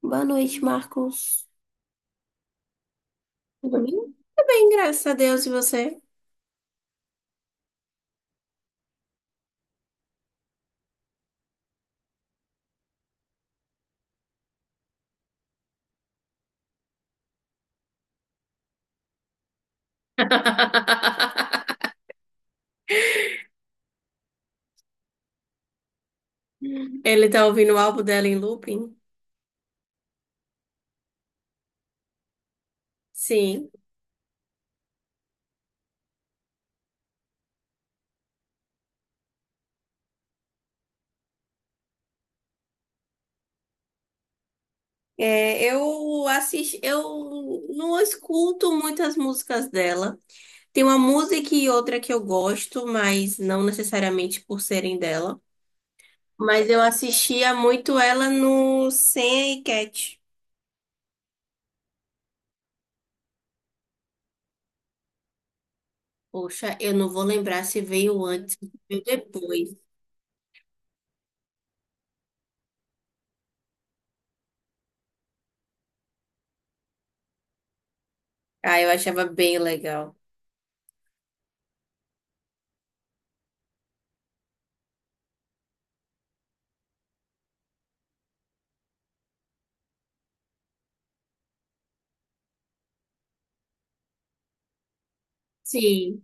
Boa noite, Marcos. Tudo bem? Tudo bem, graças a Deus. E você? Ele tá ouvindo o álbum dela em looping? Sim. É, eu assisto, eu não escuto muitas músicas dela. Tem uma música e outra que eu gosto, mas não necessariamente por serem dela. Mas eu assistia muito ela no Sam e Cat. Poxa, eu não vou lembrar se veio antes ou depois. Ah, eu achava bem legal. Sim.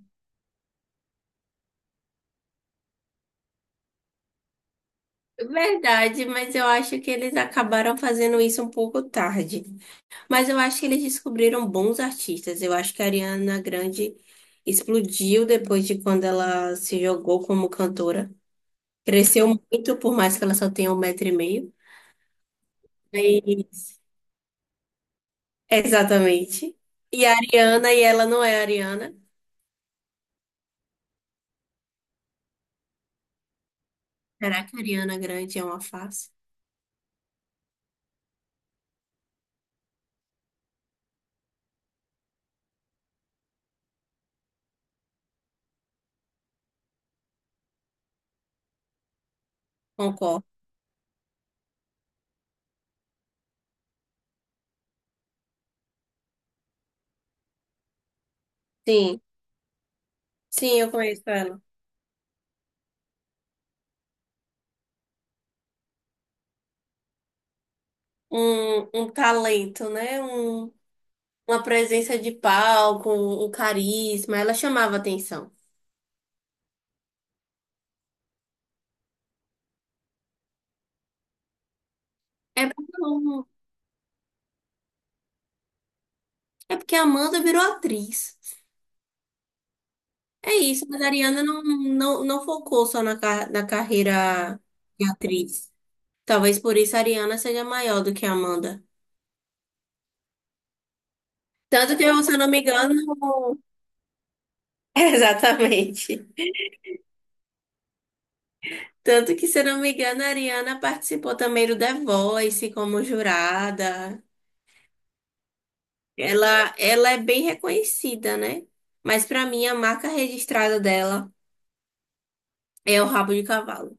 Verdade, mas eu acho que eles acabaram fazendo isso um pouco tarde. Mas eu acho que eles descobriram bons artistas. Eu acho que a Ariana Grande explodiu depois de quando ela se jogou como cantora. Cresceu muito, por mais que ela só tenha 1,5 m. Mas- Exatamente. E ela não é a Ariana. Será que a Ariana Grande é uma face? Concordo. Sim, sim, eu conheço ela. Um talento, né? Uma presença de palco, um carisma, ela chamava atenção. É porque, o- é porque a Amanda virou atriz. É isso, mas a Ariana não, não, não focou só na, na carreira de atriz. Talvez por isso a Ariana seja maior do que a Amanda. Tanto que, se eu não me engano. Exatamente. Tanto que, se eu não me engano, a Ariana participou também do The Voice como jurada. Ela é bem reconhecida, né? Mas para mim, a marca registrada dela. É o rabo de cavalo.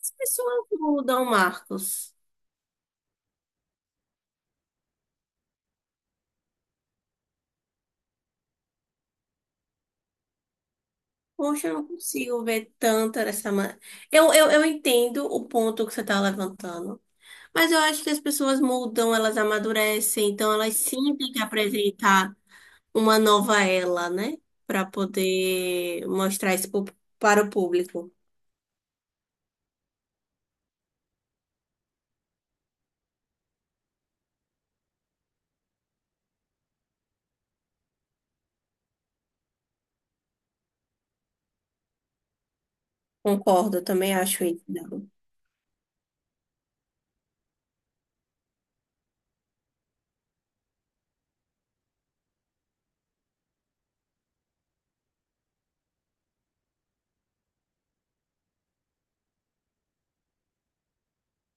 As pessoas mudam, Marcos. Poxa, eu não consigo ver tanto dessa maneira. Eu entendo o ponto que você está levantando, mas eu acho que as pessoas mudam, elas amadurecem, então elas sim têm que apresentar uma nova ela, né? Para poder mostrar isso para o público. Concordo, eu também acho isso. Débora.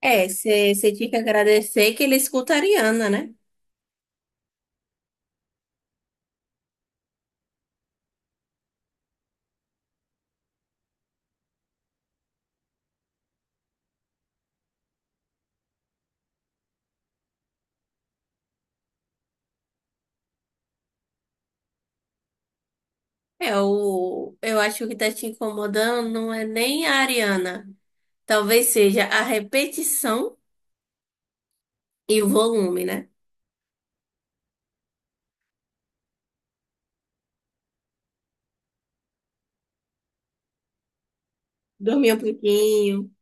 É, você tinha que agradecer que ele escuta a Ariana, né? É, eu acho que tá te incomodando não é nem a Ariana. Talvez seja a repetição e o volume, né? Dormir um pouquinho.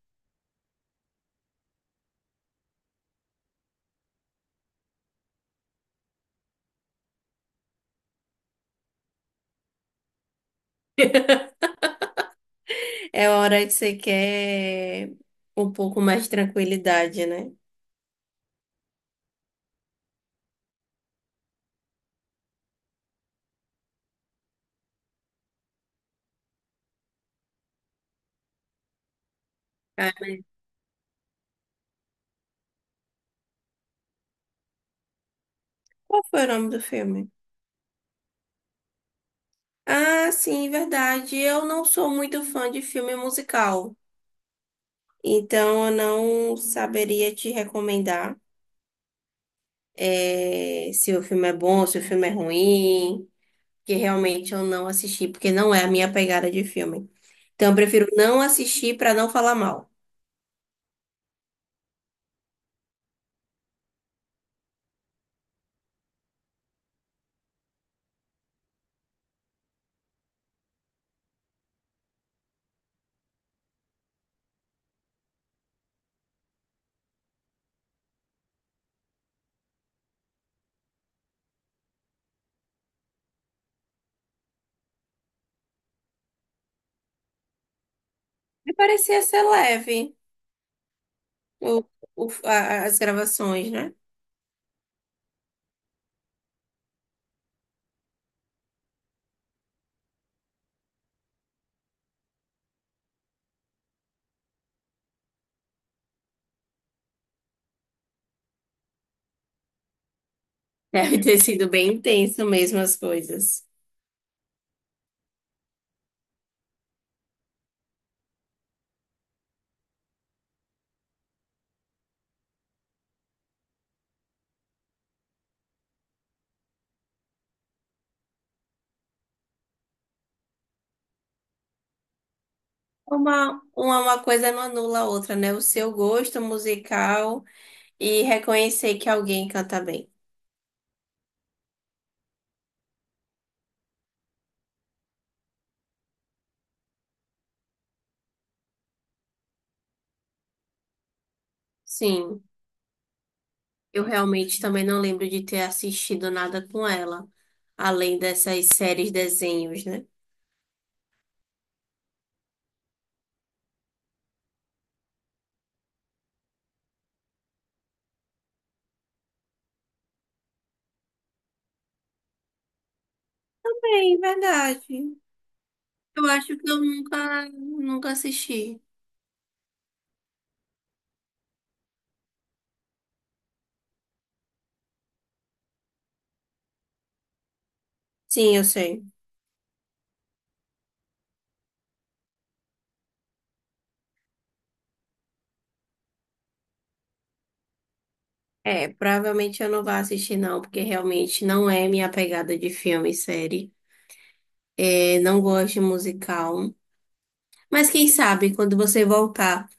É hora que você quer um pouco mais de tranquilidade, né? Ah, qual foi o nome do filme? Ah, sim, verdade. Eu não sou muito fã de filme musical, então eu não saberia te recomendar se o filme é bom, se o filme é ruim, que realmente eu não assisti, porque não é a minha pegada de filme. Então eu prefiro não assistir para não falar mal. E parecia ser leve o, as gravações, né? Deve ter sido bem intenso mesmo as coisas. Uma coisa não anula a outra, né? O seu gosto musical e reconhecer que alguém canta bem. Sim, eu realmente também não lembro de ter assistido nada com ela, além dessas séries desenhos, né? Bem, verdade. Eu acho que eu nunca, nunca assisti. Sim, eu sei. É, provavelmente eu não vou assistir não, porque realmente não é minha pegada de filme e série. É, não gosto de musical. Mas quem sabe, quando você voltar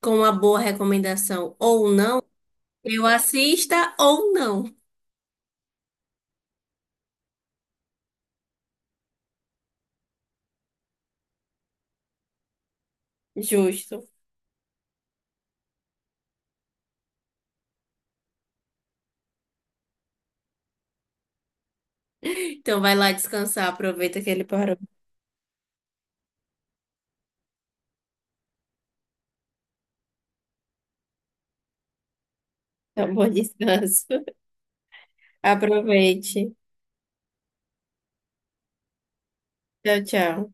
com uma boa recomendação ou não, eu assista ou não. Justo. Então vai lá descansar, aproveita que ele parou. Tá bom, descanso. Aproveite. Tchau, tchau.